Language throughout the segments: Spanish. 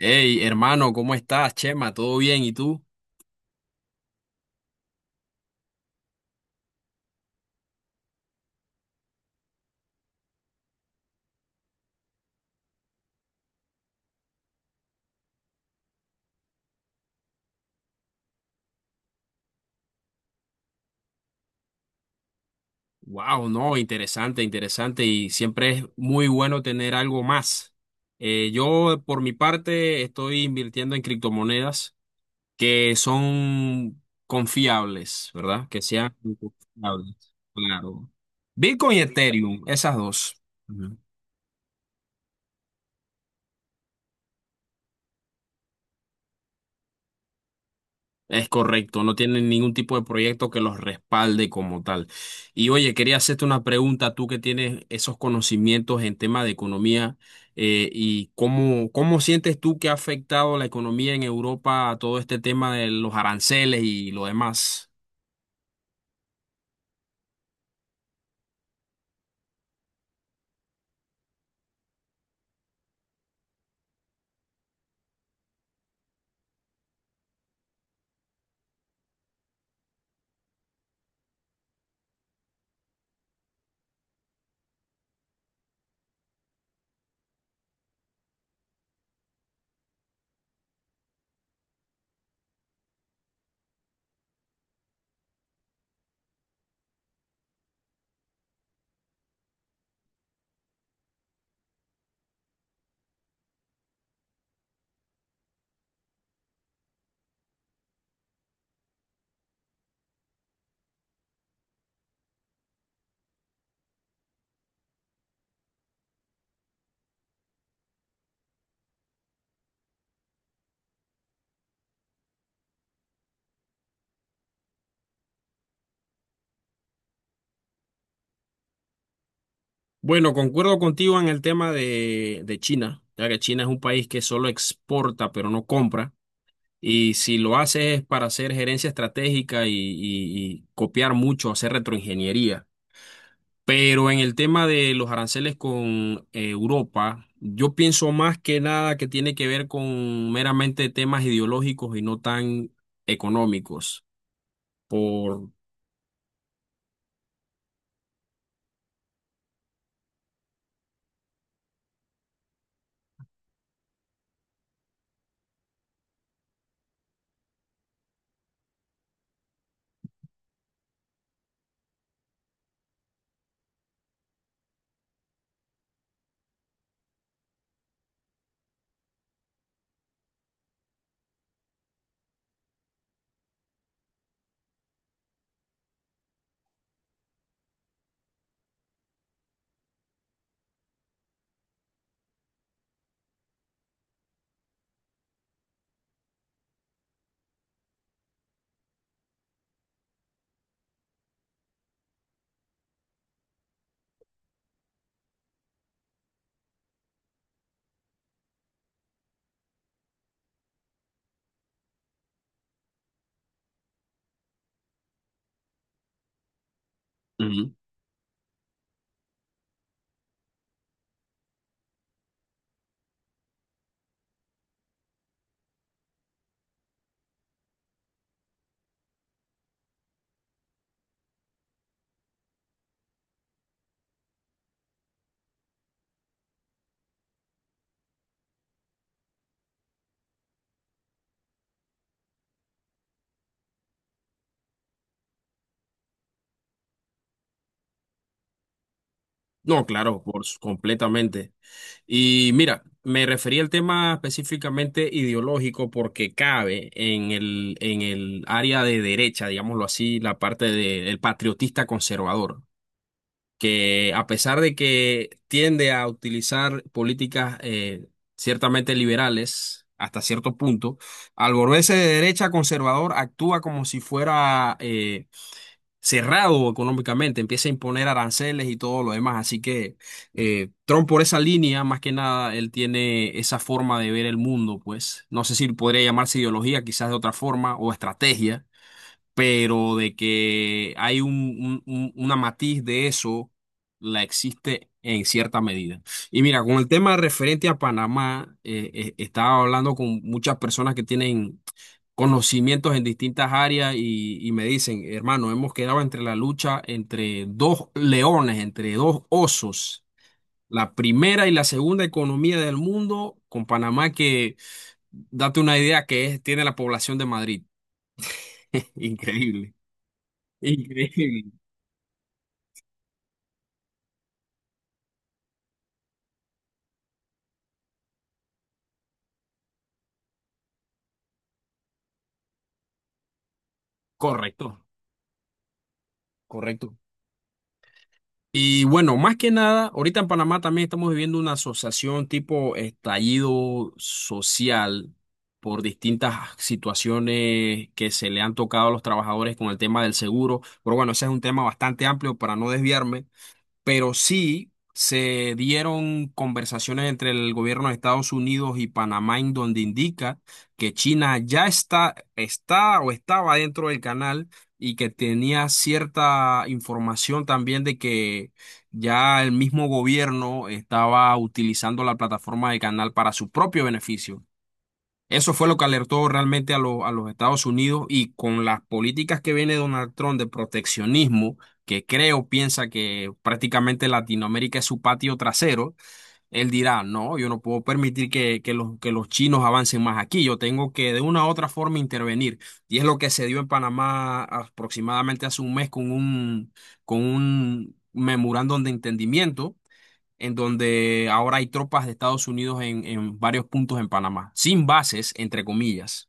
Hey, hermano, ¿cómo estás, Chema? ¿Todo bien? ¿Y tú? Wow, no, interesante, interesante y siempre es muy bueno tener algo más. Yo, por mi parte, estoy invirtiendo en criptomonedas que son confiables, ¿verdad? Que sean confiables, claro. Bitcoin y Ethereum, esas dos. Ujú. Es correcto, no tienen ningún tipo de proyecto que los respalde como tal. Y oye, quería hacerte una pregunta, tú que tienes esos conocimientos en tema de economía, y cómo, cómo sientes tú que ha afectado la economía en Europa a todo este tema de los aranceles y lo demás. Bueno, concuerdo contigo en el tema de China, ya que China es un país que solo exporta, pero no compra. Y si lo hace es para hacer gerencia estratégica y copiar mucho, hacer retroingeniería. Pero en el tema de los aranceles con Europa, yo pienso más que nada que tiene que ver con meramente temas ideológicos y no tan económicos. Por Ujú. No, claro, por su- completamente. Y mira, me refería al tema específicamente ideológico porque cabe en el área de derecha, digámoslo así, la parte del patriotista conservador, que a pesar de que tiende a utilizar políticas ciertamente liberales hasta cierto punto, al volverse de derecha conservador actúa como si fuera cerrado económicamente, empieza a imponer aranceles y todo lo demás. Así que Trump por esa línea, más que nada, él tiene esa forma de ver el mundo, pues no sé si podría llamarse ideología, quizás de otra forma, o estrategia, pero de que hay una matiz de eso, la existe en cierta medida. Y mira, con el tema referente a Panamá, estaba hablando con muchas personas que tienen conocimientos en distintas áreas y me dicen, hermano, hemos quedado entre la lucha entre dos leones, entre dos osos. La primera y la segunda economía del mundo, con Panamá que, date una idea que es- tiene la población de Madrid. Increíble. Increíble. Correcto. Correcto. Y bueno, más que nada, ahorita en Panamá también estamos viviendo una asociación tipo estallido social por distintas situaciones que se le han tocado a los trabajadores con el tema del seguro. Pero bueno, ese es un tema bastante amplio para no desviarme, pero sí se dieron conversaciones entre el gobierno de Estados Unidos y Panamá en donde indica que China ya está, está o estaba dentro del canal y que tenía cierta información también de que ya el mismo gobierno estaba utilizando la plataforma del canal para su propio beneficio. Eso fue lo que alertó realmente a, lo- a los Estados Unidos, y con las políticas que viene Donald Trump de proteccionismo, que creo piensa que prácticamente Latinoamérica es su patio trasero, él dirá, no, yo no puedo permitir que los chinos avancen más aquí, yo tengo que de una u otra forma intervenir. Y es lo que se dio en Panamá aproximadamente hace un mes con con un memorándum de entendimiento en donde ahora hay tropas de Estados Unidos en varios puntos en Panamá, sin bases, entre comillas.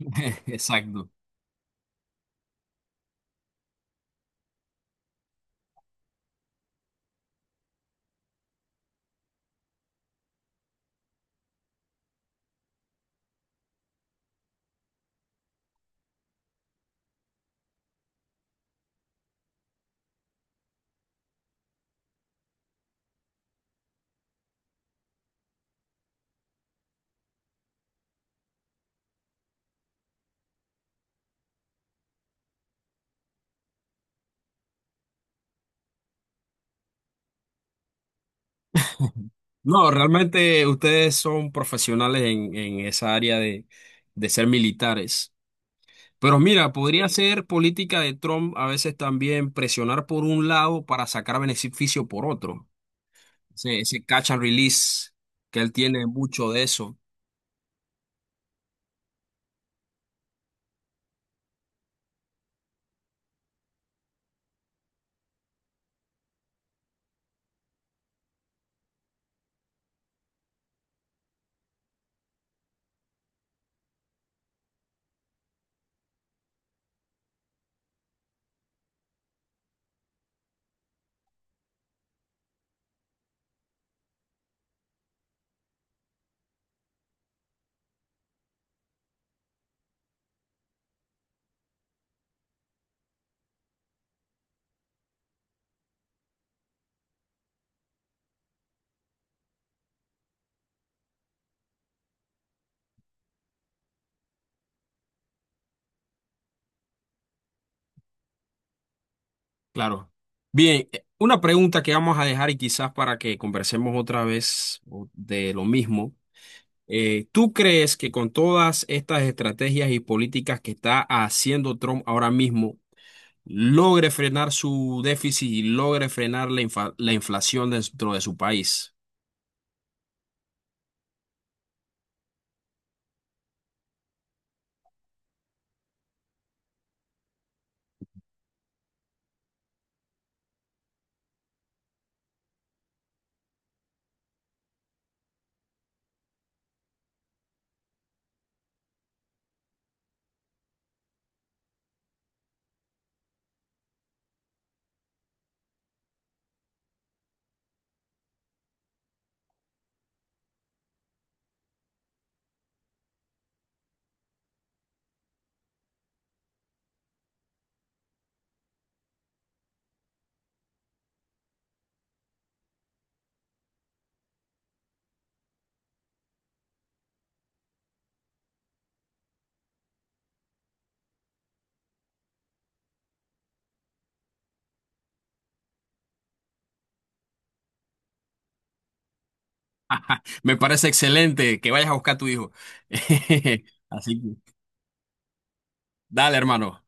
Exacto. No, realmente ustedes son profesionales en esa área de ser militares. Pero mira, podría ser política de Trump a veces también presionar por un lado para sacar beneficio por otro. Ese catch and release que él tiene mucho de eso. Claro. Bien, una pregunta que vamos a dejar y quizás para que conversemos otra vez o- de lo mismo. ¿Tú crees que con todas estas estrategias y políticas que está haciendo Trump ahora mismo, logre frenar su déficit y logre frenar la, la inflación dentro de su país? Me parece excelente que vayas a buscar a tu hijo. Así que, dale, hermano.